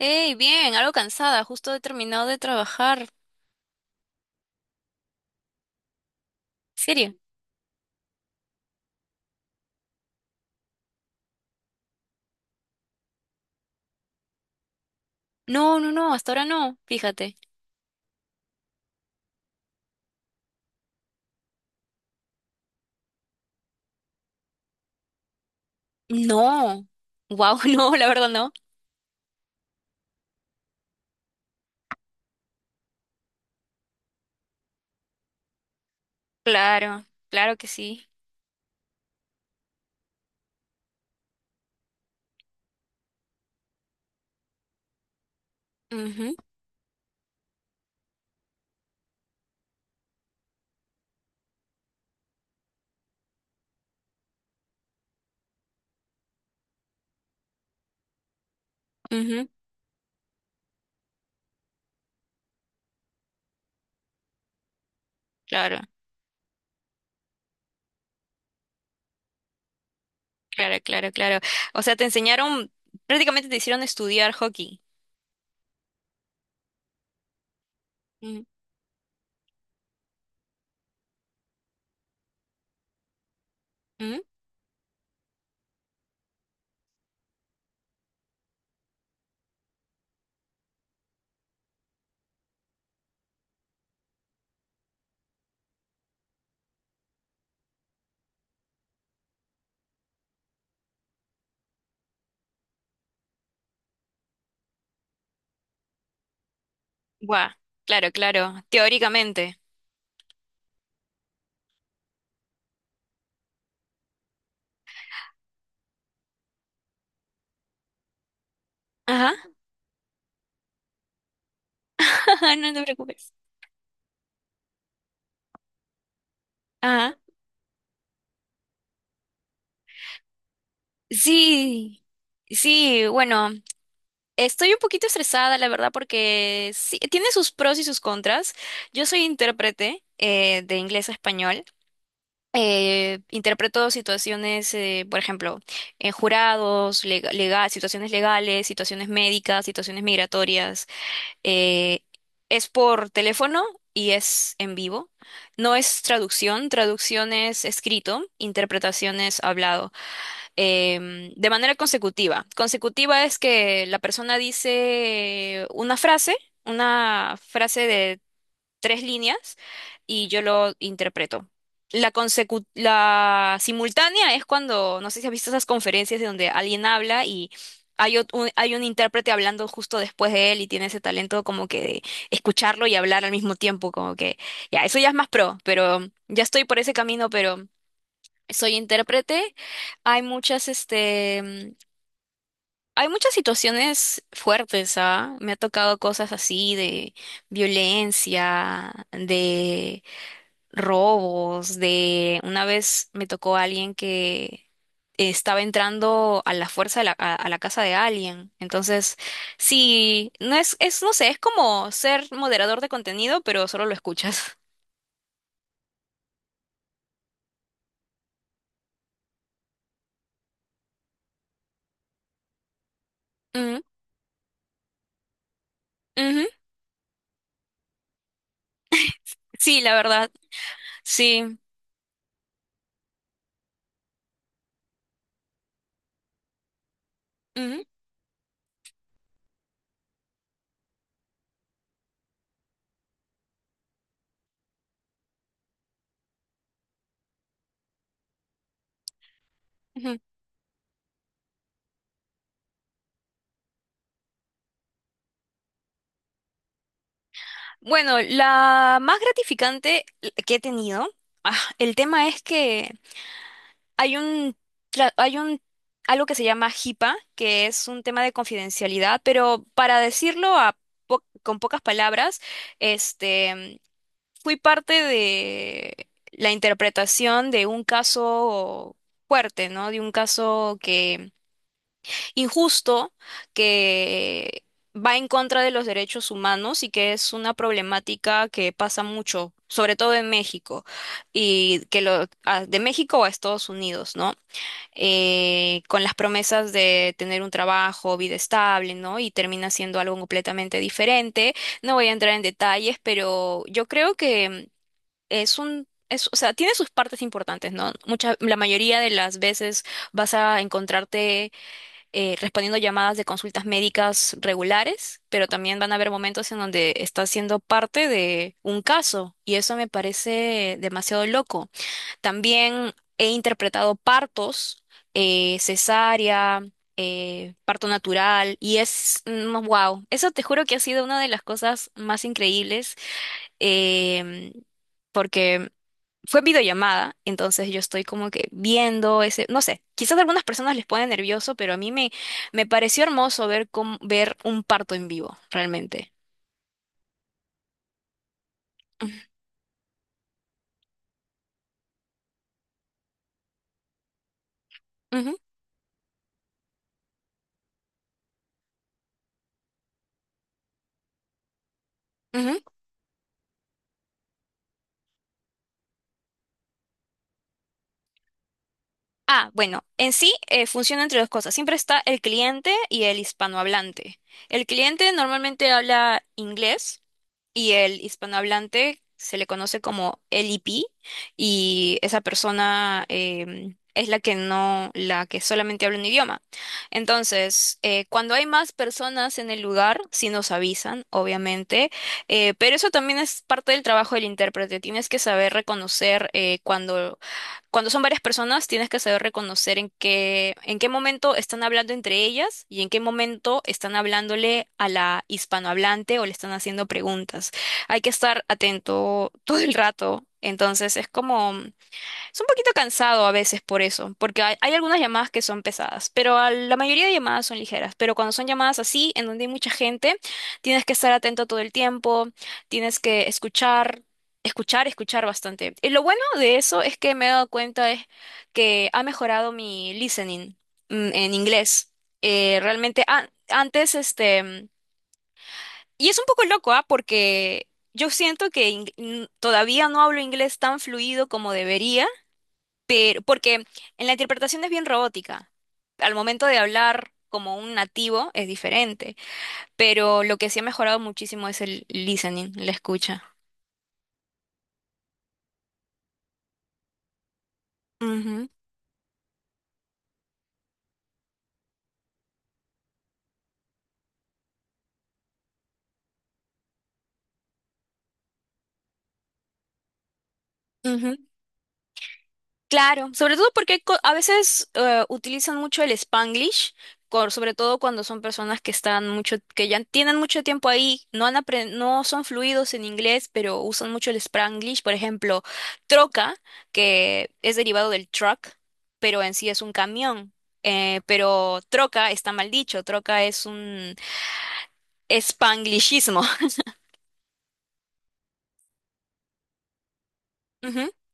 Hey, bien, algo cansada, justo he terminado de trabajar. ¿Serio? No, hasta ahora no, fíjate. No. Wow, no, la verdad no. Claro, claro que sí. Ujú, ujú. Claro, claro, claro, claro. O sea, te enseñaron, prácticamente te hicieron estudiar hockey. Mm, mm. Guau, claro, claro, teóricamente. Ajá. No te preocupes. Ajá. Sí, sí, bueno. Estoy un poquito estresada, la verdad, porque sí, tiene sus pros y sus contras. Yo soy intérprete de inglés a español. Interpreto situaciones, por ejemplo, en jurados, situaciones legales, situaciones médicas, situaciones migratorias. Eh, es por teléfono y es en vivo. No es traducción, traducción es escrito, interpretación es hablado de manera consecutiva. Consecutiva es que la persona dice una frase de tres líneas y yo lo interpreto. La simultánea es cuando, no sé si has visto esas conferencias de donde alguien habla y hay un intérprete hablando justo después de él y tiene ese talento como que de escucharlo y hablar al mismo tiempo, como que ya, eso ya es más pro, pero ya estoy por ese camino, pero soy intérprete, hay muchas, este, hay muchas situaciones fuertes, ¿ah? Me ha tocado cosas así de violencia, de robos, de una vez me tocó a alguien que estaba entrando a la fuerza a la casa de alguien. Entonces, sí, no sé, es como ser moderador de contenido, pero solo lo escuchas. Ujú, ujú. Sí, la verdad, sí. Ujú, ujú. Bueno, la más gratificante que he tenido, ah, el tema es que hay un, hay un, algo que se llama HIPAA, que es un tema de confidencialidad, pero para decirlo a con pocas palabras, este, fui parte de la interpretación de un caso fuerte, ¿no? De un caso injusto, que va en contra de los derechos humanos y que es una problemática que pasa mucho, sobre todo en México, y que de México a Estados Unidos, ¿no? Con las promesas de tener un trabajo, vida estable, ¿no? Y termina siendo algo completamente diferente. No voy a entrar en detalles, pero yo creo que es un... o sea, tiene sus partes importantes, ¿no? Mucha, la mayoría de las veces vas a encontrarte respondiendo llamadas de consultas médicas regulares, pero también van a haber momentos en donde estás siendo parte de un caso y eso me parece demasiado loco. También he interpretado partos, cesárea, parto natural y es wow, eso te juro que ha sido una de las cosas más increíbles, em, porque fue videollamada, entonces yo estoy como que viendo ese, no sé, quizás a algunas personas les pone nervioso, pero a mí me, me pareció hermoso ver cómo, ver un parto en vivo, realmente. Ujú, ujú, ujú. Ah, bueno, en sí funciona entre dos cosas. Siempre está el cliente y el hispanohablante. El cliente normalmente habla inglés, y el hispanohablante se le conoce como LIP y esa persona es la que no, la que solamente habla un idioma. Entonces, cuando hay más personas en el lugar, sí nos avisan, obviamente, pero eso también es parte del trabajo del intérprete. Tienes que saber reconocer cuando son varias personas, tienes que saber reconocer en qué momento están hablando entre ellas y en qué momento están hablándole a la hispanohablante o le están haciendo preguntas. Hay que estar atento todo el rato. Entonces, es como es un poquito cansado a veces por eso, porque hay algunas llamadas que son pesadas, pero a la mayoría de llamadas son ligeras. Pero cuando son llamadas así, en donde hay mucha gente, tienes que estar atento todo el tiempo, tienes que escuchar, escuchar, escuchar bastante. Y lo bueno de eso es que me he dado cuenta es que ha mejorado mi listening, en inglés. Antes, este, y es un poco loco, ¿ah? Porque yo siento que todavía no hablo inglés tan fluido como debería pero, porque en la interpretación es bien robótica. Al momento de hablar como un nativo es diferente, pero lo que sí ha mejorado muchísimo es el listening, la escucha. Ujú, ujú. Claro, sobre todo porque a veces utilizan mucho el Spanglish, sobre todo cuando son personas que están mucho, que ya tienen mucho tiempo ahí, no son fluidos en inglés, pero usan mucho el Spanglish. Por ejemplo, troca, que es derivado del truck, pero en sí es un camión. Pero troca está mal dicho, troca es un Spanglishismo.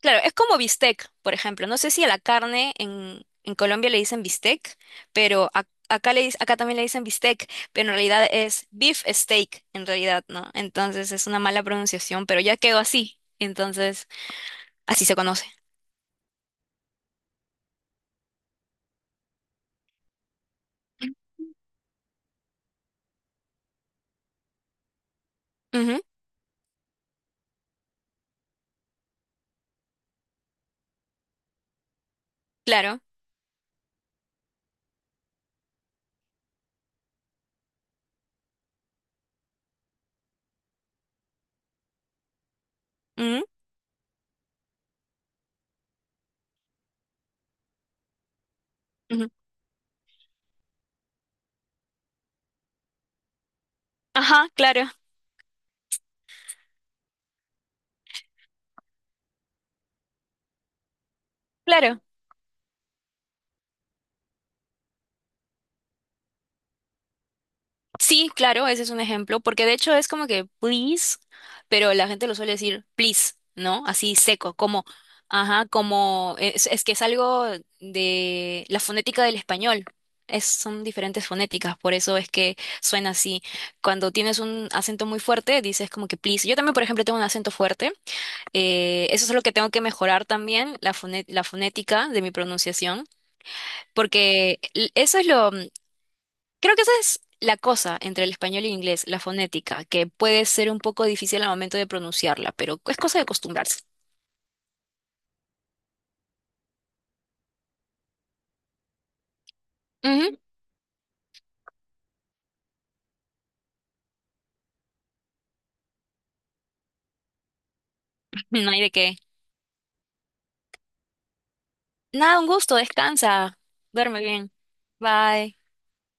Claro, es como bistec, por ejemplo. No sé si a la carne en Colombia le dicen bistec, pero acá, acá también le dicen bistec, pero en realidad es beef steak, en realidad, ¿no? Entonces es una mala pronunciación, pero ya quedó así. Entonces, así se conoce. Ujú, claro. Ujú, ujú. Ajá, claro, claro. Sí, claro, ese es un ejemplo, porque de hecho es como que please, pero la gente lo suele decir please, ¿no? Así seco, como, ajá, como, es que es algo de la fonética del español. Es, son diferentes fonéticas, por eso es que suena así. Cuando tienes un acento muy fuerte, dices como que please. Yo también, por ejemplo, tengo un acento fuerte, eso es lo que tengo que mejorar también, la fonética de mi pronunciación, porque eso es lo, creo que esa es la cosa entre el español y el inglés, la fonética, que puede ser un poco difícil al momento de pronunciarla, pero es cosa de acostumbrarse. Ujú. No hay de qué. Nada, un gusto, descansa, duerme bien. Bye.